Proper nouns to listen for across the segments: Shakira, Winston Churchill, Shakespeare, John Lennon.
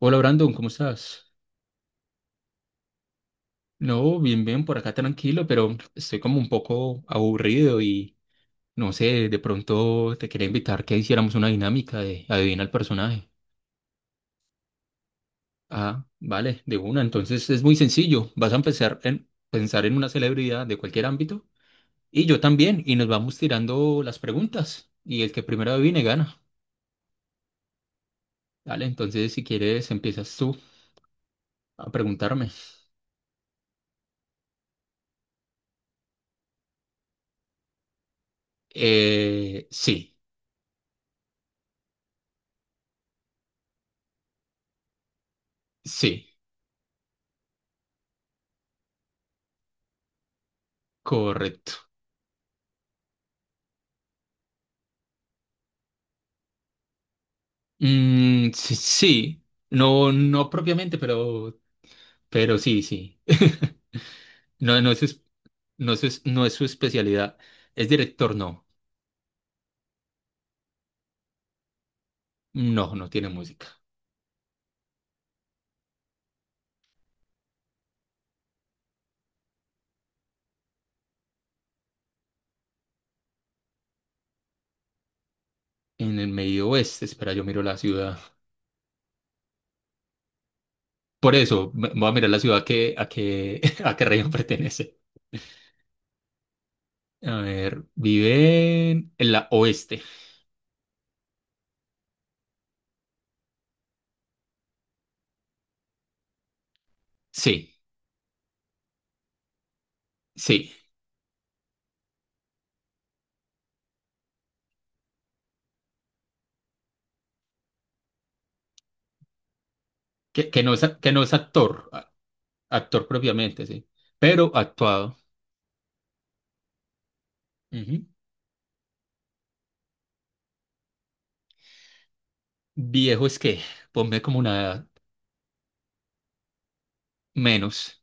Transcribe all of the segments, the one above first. Hola Brandon, ¿cómo estás? No, bien, bien, por acá tranquilo, pero estoy como un poco aburrido y no sé, de pronto te quería invitar que hiciéramos una dinámica de adivina el personaje. Ah, vale, de una. Entonces es muy sencillo. Vas a empezar en pensar en una celebridad de cualquier ámbito y yo también, y nos vamos tirando las preguntas y el que primero adivine gana. Vale, entonces si quieres empiezas tú a preguntarme. Sí, sí, correcto. Mm, sí, sí. No, no propiamente, pero sí, sí. No, no es su especialidad. ¿Es director? No, no, no tiene música. En el medio oeste, espera, yo miro la ciudad. Por eso, voy a mirar la ciudad que, a qué, a qué región pertenece. A ver, vive en, la oeste. Sí, sí. Que no es, que no es actor, actor propiamente, sí. Pero ha actuado. Ujú. Viejo es que, ponme como una edad. Menos.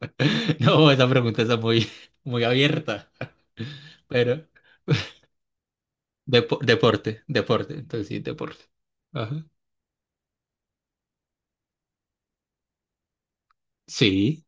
No, esa pregunta está muy, muy abierta. Pero deporte, deporte. Entonces sí, deporte. Ajá. Sí.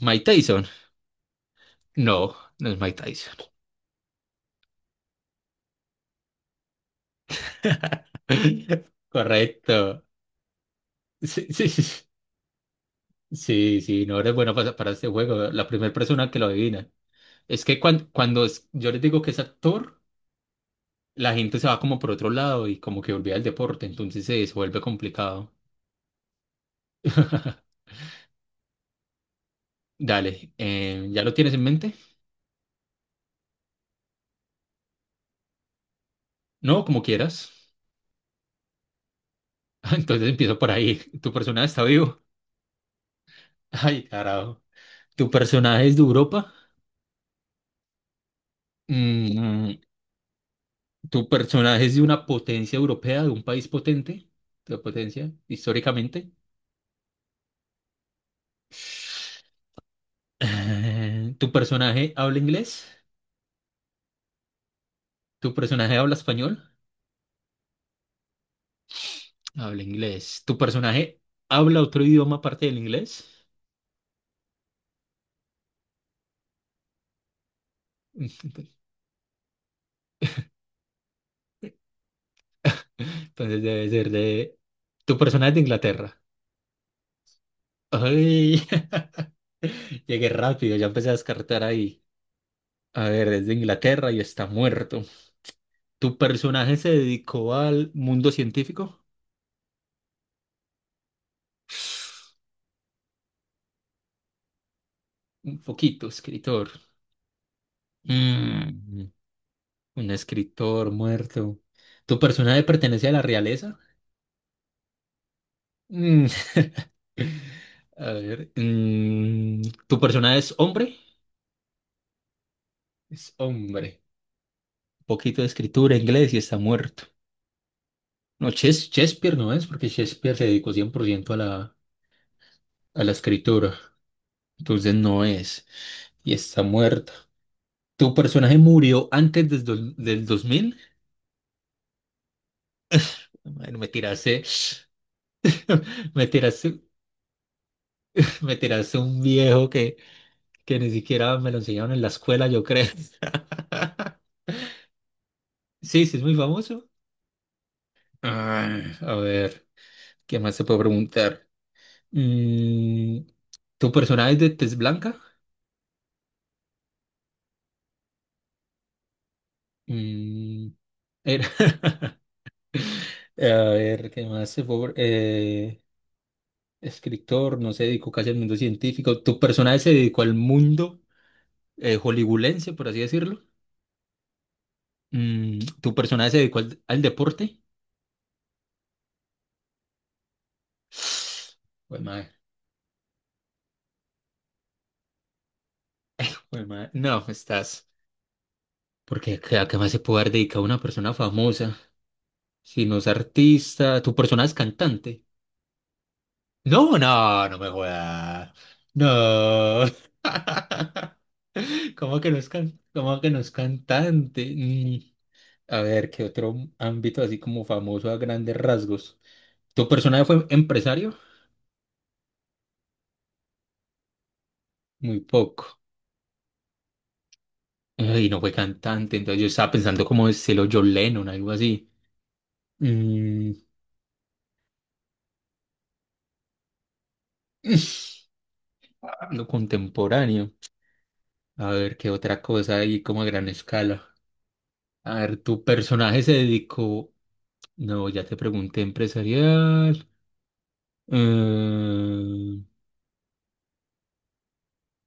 Mike Tyson. No, no es Mike Tyson. Correcto. Sí, sí, sí. Sí, sí, sí, no eres bueno para este juego. La primera persona que lo adivina. Es que yo les digo que es actor, la gente se va como por otro lado y como que olvida el deporte, entonces se vuelve complicado. Dale, ¿ya lo tienes en mente? No, como quieras. Entonces empiezo por ahí. ¿Tu personaje está vivo? Ay, carajo. ¿Tu personaje es de Europa? Mm, ¿Tu personaje es de una potencia europea, de un país potente? ¿De potencia históricamente? ¿Tu personaje habla inglés? ¿Tu personaje habla español? Habla inglés. ¿Tu personaje habla otro idioma aparte del inglés? Entonces debe ser de. ¿Tu personaje es de Inglaterra? Ay, llegué rápido, ya empecé a descartar ahí. A ver, es de Inglaterra y está muerto. ¿Tu personaje se dedicó al mundo científico? Un poquito, escritor. Mm, un escritor muerto. ¿Tu personaje pertenece a la realeza? Mm, A ver, ¿tu personaje es hombre? Es hombre. Un poquito de escritura, inglés y está muerto. No, Shakespeare no es, porque Shakespeare se dedicó 100% a la, escritura. Entonces no es. Y está muerta. ¿Tu personaje murió antes del 2000? Bueno, me tiraste, me tiraste, me tiraste un viejo que ni siquiera me lo enseñaron en la escuela, yo creo. Sí, sí, es muy famoso. Ah, a ver, ¿qué más se puede preguntar? Mm, ¿Tu personaje es de tez blanca? Mm, era. A ver, ¿qué más se fue? Escritor, no se dedicó casi al mundo científico. ¿Tu personaje se dedicó al mundo hollywoodense, por así decirlo? ¿Tu personaje se dedicó al deporte? Jue madre, jue madre. No, estás. Porque ¿a qué más se puede haber dedicado una persona famosa? Si no es artista, ¿tu personaje es cantante? No, no, no me jodas. No. ¿Cómo que no es cantante? A ver, ¿qué otro ámbito así como famoso a grandes rasgos? ¿Tu personaje fue empresario? Muy poco. Y no fue cantante, entonces yo estaba pensando como estilo John Lennon, algo así. Mm, lo contemporáneo. A ver, ¿qué otra cosa ahí como a gran escala? A ver, ¿tu personaje se dedicó? No, ya te pregunté empresarial. Eh,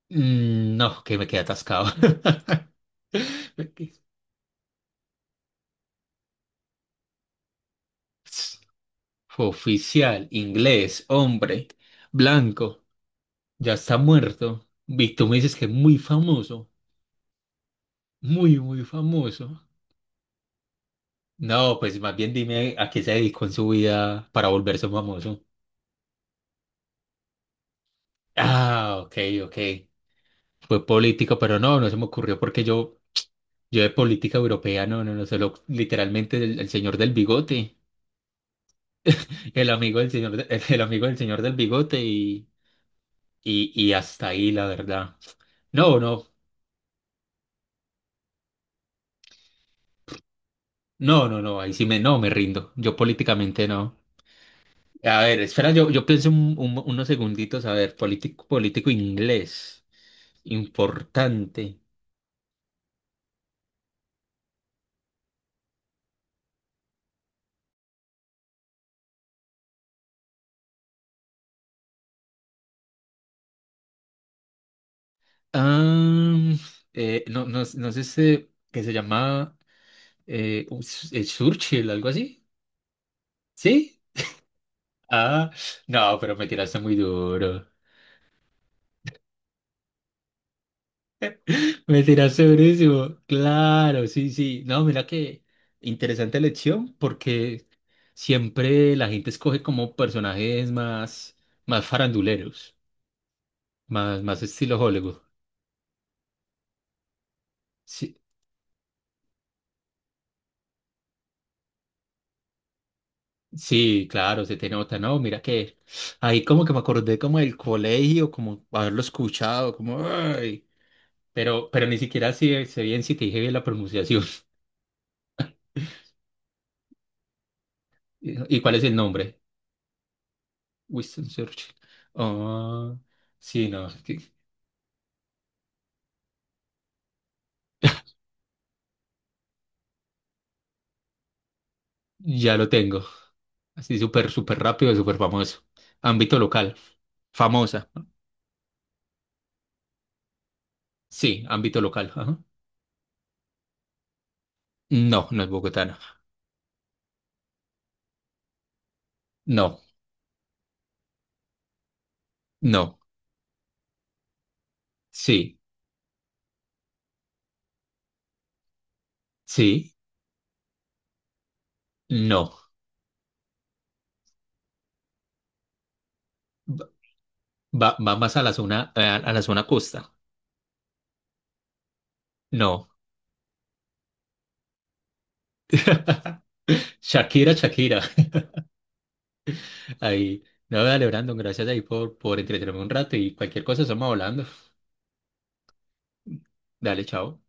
no, que me quedé atascado. Me quedé- Oficial, inglés, hombre, blanco, ya está muerto. Víctor me dices que es muy famoso, muy, muy famoso. No, pues más bien dime a qué se dedicó en su vida para volverse famoso. Ah, ok, ok. Fue político, pero no, no se me ocurrió porque yo de política europea, no, no, no, solo literalmente el, señor del bigote, el amigo del señor, el, amigo del señor del bigote y hasta ahí, la verdad. No, no. No, no, no, ahí sí me, no, me rindo. Yo políticamente no. A ver, espera, yo pienso unos segunditos. A ver, político, político inglés, importante. Ah, no, no, no sé si, que se llama Churchill, algo así. ¿Sí? Ah, no, pero me tiraste muy duro. Me tiraste durísimo. Claro, sí, sí. No, mira que interesante elección porque siempre la gente escoge como personajes más, más faranduleros, más, más estilo Hollywood. Sí, sí, claro, se te nota, ¿no? Mira que ahí como que me acordé como del colegio, como haberlo escuchado, como, ay, pero ni siquiera sé bien si te dije bien la pronunciación. ¿Y cuál es el nombre? Winston Churchill. Ah, sí, no. Ya lo tengo. Así súper, súper rápido, súper famoso. Ámbito local. Famosa. Sí, ámbito local. Ajá. No, no es bogotana. No, no. Sí, sí, no. Va, va más a la zona, a la zona costa. No. Shakira, Shakira. Ahí. No, dale, Brandon, gracias ahí por, entretenerme un rato y cualquier cosa estamos hablando. Dale, chao.